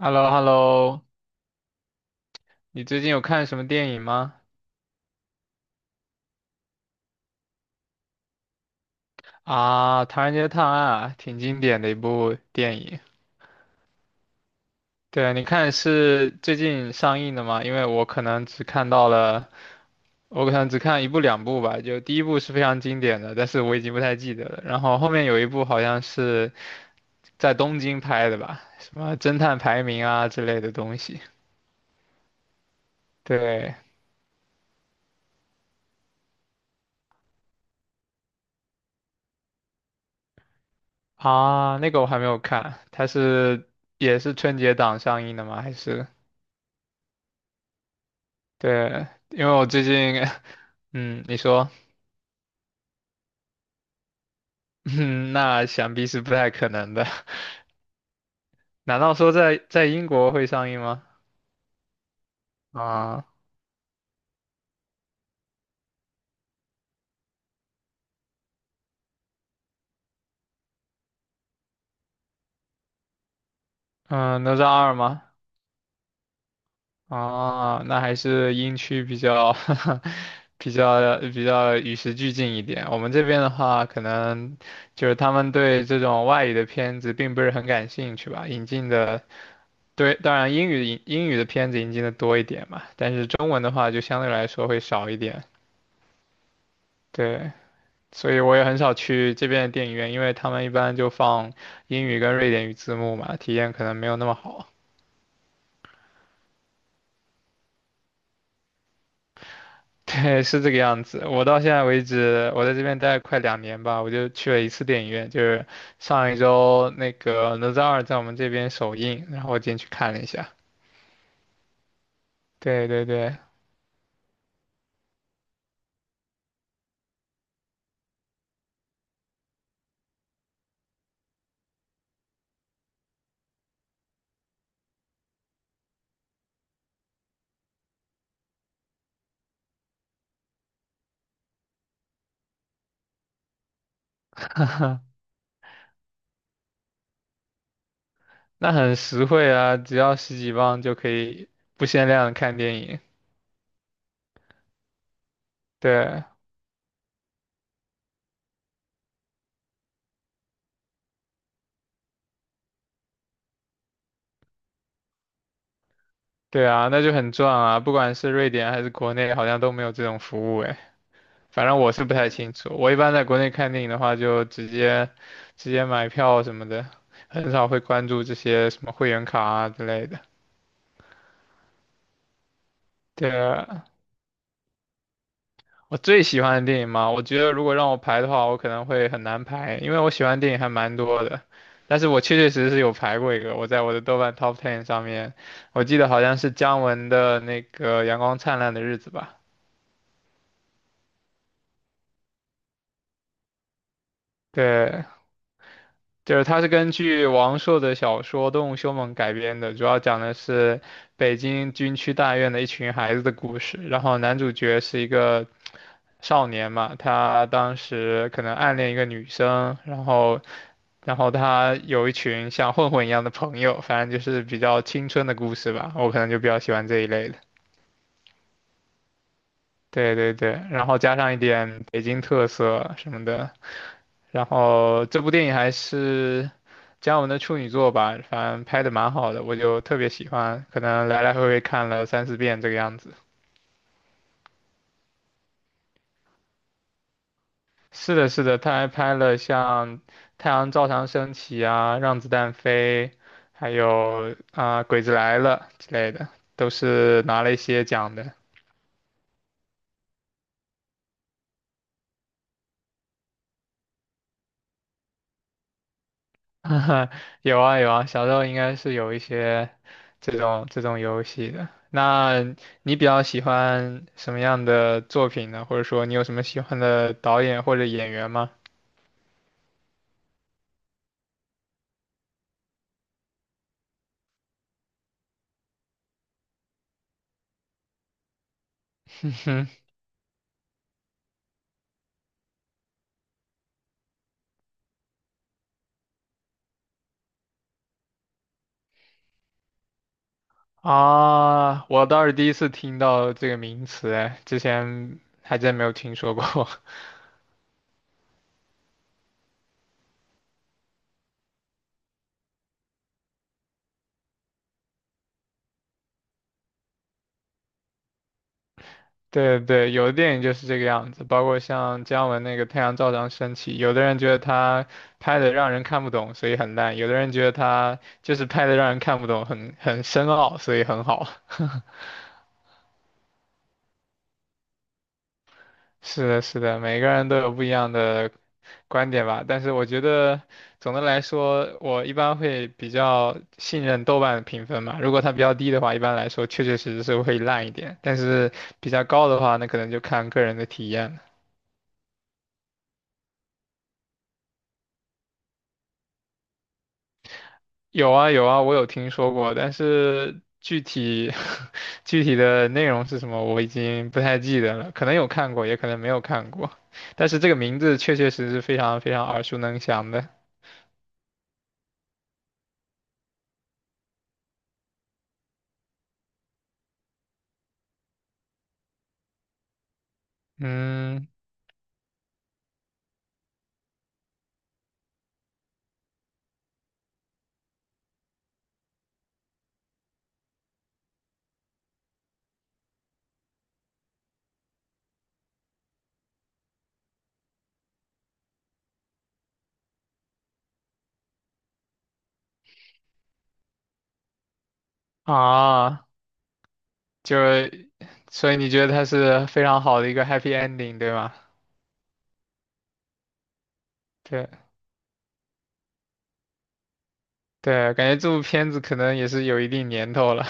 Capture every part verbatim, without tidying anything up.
h e l l o h e l l o 你最近有看什么电影吗？啊，《唐人街探案》啊，挺经典的一部电影。对，你看是最近上映的吗？因为我可能只看到了，我可能只看一部两部吧。就第一部是非常经典的，但是我已经不太记得了。然后后面有一部好像是在东京拍的吧，什么侦探排名啊之类的东西。对啊，那个我还没有看，它是也是春节档上映的吗？还是？对，因为我最近 嗯，你说，嗯，那想必是不太可能的。难道说在在英国会上映吗？啊，嗯，哪吒二吗？啊，那还是英区比较 比较比较与时俱进一点。我们这边的话，可能就是他们对这种外语的片子并不是很感兴趣吧，引进的。对，当然英语英语的片子引进的多一点嘛，但是中文的话就相对来说会少一点。对，所以我也很少去这边的电影院，因为他们一般就放英语跟瑞典语字幕嘛，体验可能没有那么好。对，是这个样子。我到现在为止，我在这边待快两年吧，我就去了一次电影院，就是上一周那个《哪吒二》在我们这边首映，然后我进去看了一下。对对对，那很实惠啊，只要十几磅就可以不限量地看电影。对对啊，那就很赚啊，不管是瑞典还是国内，好像都没有这种服务。反正我是不太清楚。我一般在国内看电影的话，就直接直接买票什么的，很少会关注这些什么会员卡啊之类的。对啊，我最喜欢的电影嘛，我觉得如果让我排的话，我可能会很难排，因为我喜欢电影还蛮多的。但是我确确实实有排过一个，我在我的豆瓣 Top Ten 上面，我记得好像是姜文的那个《阳光灿烂的日子》吧。对，就是它是根据王朔的小说《动物凶猛》改编的，主要讲的是北京军区大院的一群孩子的故事。然后男主角是一个少年嘛，他当时可能暗恋一个女生，然后然后他有一群像混混一样的朋友，反正就是比较青春的故事吧。我可能就比较喜欢这一类的。对对对，然后加上一点北京特色什么的，然后这部电影还是姜文的处女作吧，反正拍的蛮好的，我就特别喜欢，可能来来回回看了三四遍这个样子。是的，是的，他还拍了像《太阳照常升起》啊，《让子弹飞》，还有啊、鬼子来了》之类的，都是拿了一些奖的。哈哈，有啊有啊，小时候应该是有一些这种这种游戏的。那你比较喜欢什么样的作品呢？或者说你有什么喜欢的导演或者演员吗？嗯哼啊，我倒是第一次听到这个名词，哎，之前还真没有听说过。对对，有的电影就是这个样子，包括像姜文那个《太阳照常升起》，有的人觉得他拍的让人看不懂，所以很烂；有的人觉得他就是拍的让人看不懂，很很深奥，所以很好。是的，是的，每个人都有不一样的观点吧。但是我觉得总的来说，我一般会比较信任豆瓣的评分嘛。如果它比较低的话，一般来说确确实实是会烂一点；但是比较高的话，那可能就看个人的体验了。有啊有啊，我有听说过，但是具体 具体的内容是什么，我已经不太记得了，可能有看过，也可能没有看过，但是这个名字确确实实非常非常耳熟能详的。嗯啊，就是所以你觉得它是非常好的一个 happy ending，对吗？对对，感觉这部片子可能也是有一定年头了。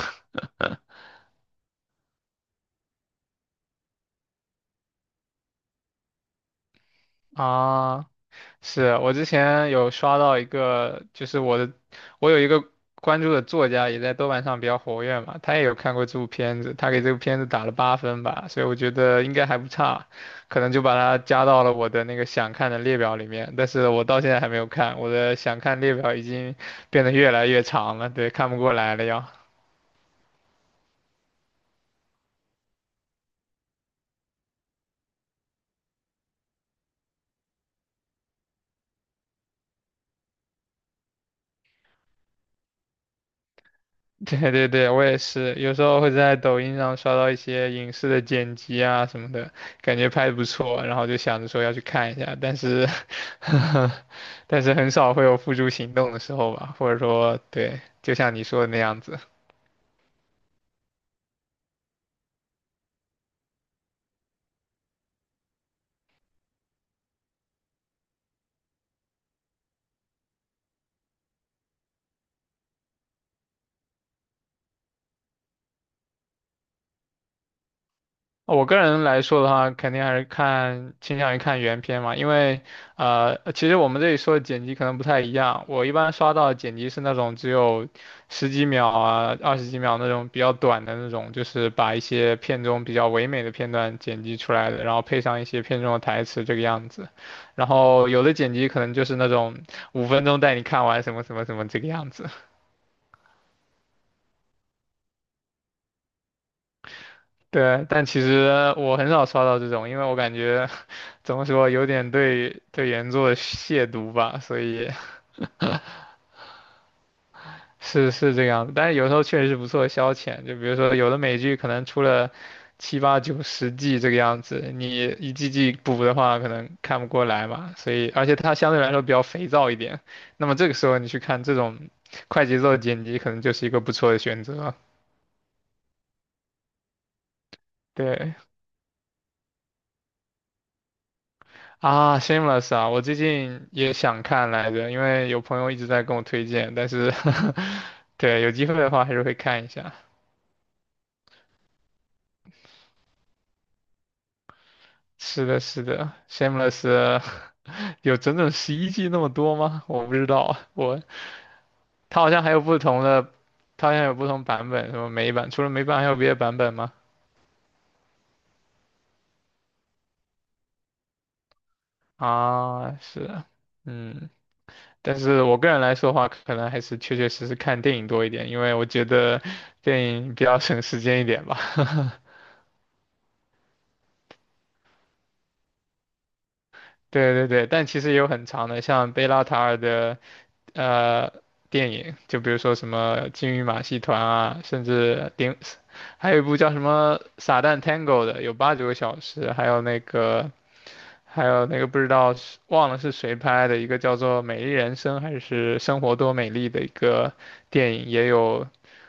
啊。是我之前有刷到一个，就是我的，我有一个关注的作家也在豆瓣上比较活跃嘛，他也有看过这部片子，他给这部片子打了八分吧，所以我觉得应该还不差，可能就把它加到了我的那个想看的列表里面，但是我到现在还没有看，我的想看列表已经变得越来越长了，对，看不过来了要。对对对，我也是，有时候会在抖音上刷到一些影视的剪辑啊什么的，感觉拍的不错，然后就想着说要去看一下，但是，但是很少会有付诸行动的时候吧，或者说，对，就像你说的那样子。我个人来说的话，肯定还是看倾向于看原片嘛，因为呃，其实我们这里说的剪辑可能不太一样。我一般刷到的剪辑是那种只有十几秒啊、二十几秒那种比较短的那种，就是把一些片中比较唯美的片段剪辑出来的，然后配上一些片中的台词这个样子。然后有的剪辑可能就是那种五分钟带你看完什么什么什么这个样子。对，但其实我很少刷到这种，因为我感觉 怎么说，有点对对原作亵渎吧，所以 是是这个样子。但是有时候确实是不错的消遣，就比如说有的美剧可能出了七八九十季这个样子，你一季季补的话，可能看不过来嘛。所以，而且它相对来说比较肥皂一点，那么这个时候你去看这种快节奏的剪辑，可能就是一个不错的选择。对，啊，Shameless 啊，我最近也想看来着，因为有朋友一直在跟我推荐，但是 对，有机会的话还是会看一下。是的，是的，Shameless 有整整十一季那么多吗？我不知道，我它好像还有不同的，它好像有不同版本，什么美版，除了美版还有别的版本吗？啊，是的，嗯，但是我个人来说的话，可能还是确确实实看电影多一点，因为我觉得电影比较省时间一点吧。对对对，但其实也有很长的，像贝拉塔尔的呃电影，就比如说什么《金鱼马戏团》啊，甚至顶，还有一部叫什么《撒旦 Tango》的，有八九个小时，还有那个，还有那个不知道是忘了是谁拍的一个叫做《美丽人生》还是《生活多美丽》的一个电影，也有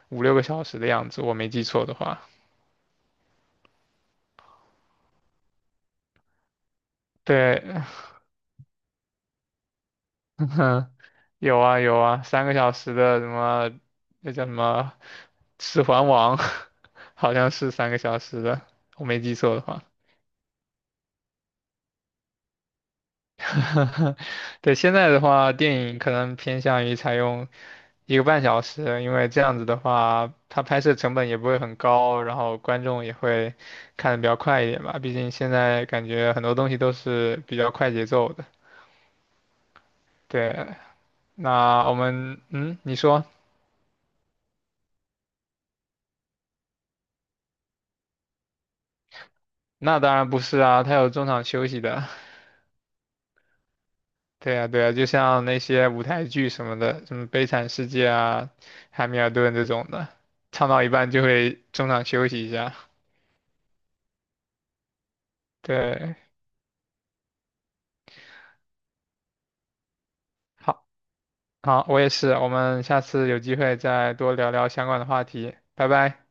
五六个小时的样子，我没记错的话。对，有啊有啊，三个小时的什么，那叫什么《指环王》，好像是三个小时的，我没记错的话。对，现在的话，电影可能偏向于采用一个半小时，因为这样子的话，它拍摄成本也不会很高，然后观众也会看得比较快一点吧。毕竟现在感觉很多东西都是比较快节奏的。对，那我们，嗯，你说，那当然不是啊，它有中场休息的。对呀，对呀，就像那些舞台剧什么的，什么《悲惨世界》啊、《汉密尔顿》这种的，唱到一半就会中场休息一下。对，好，好，我也是，我们下次有机会再多聊聊相关的话题，拜拜。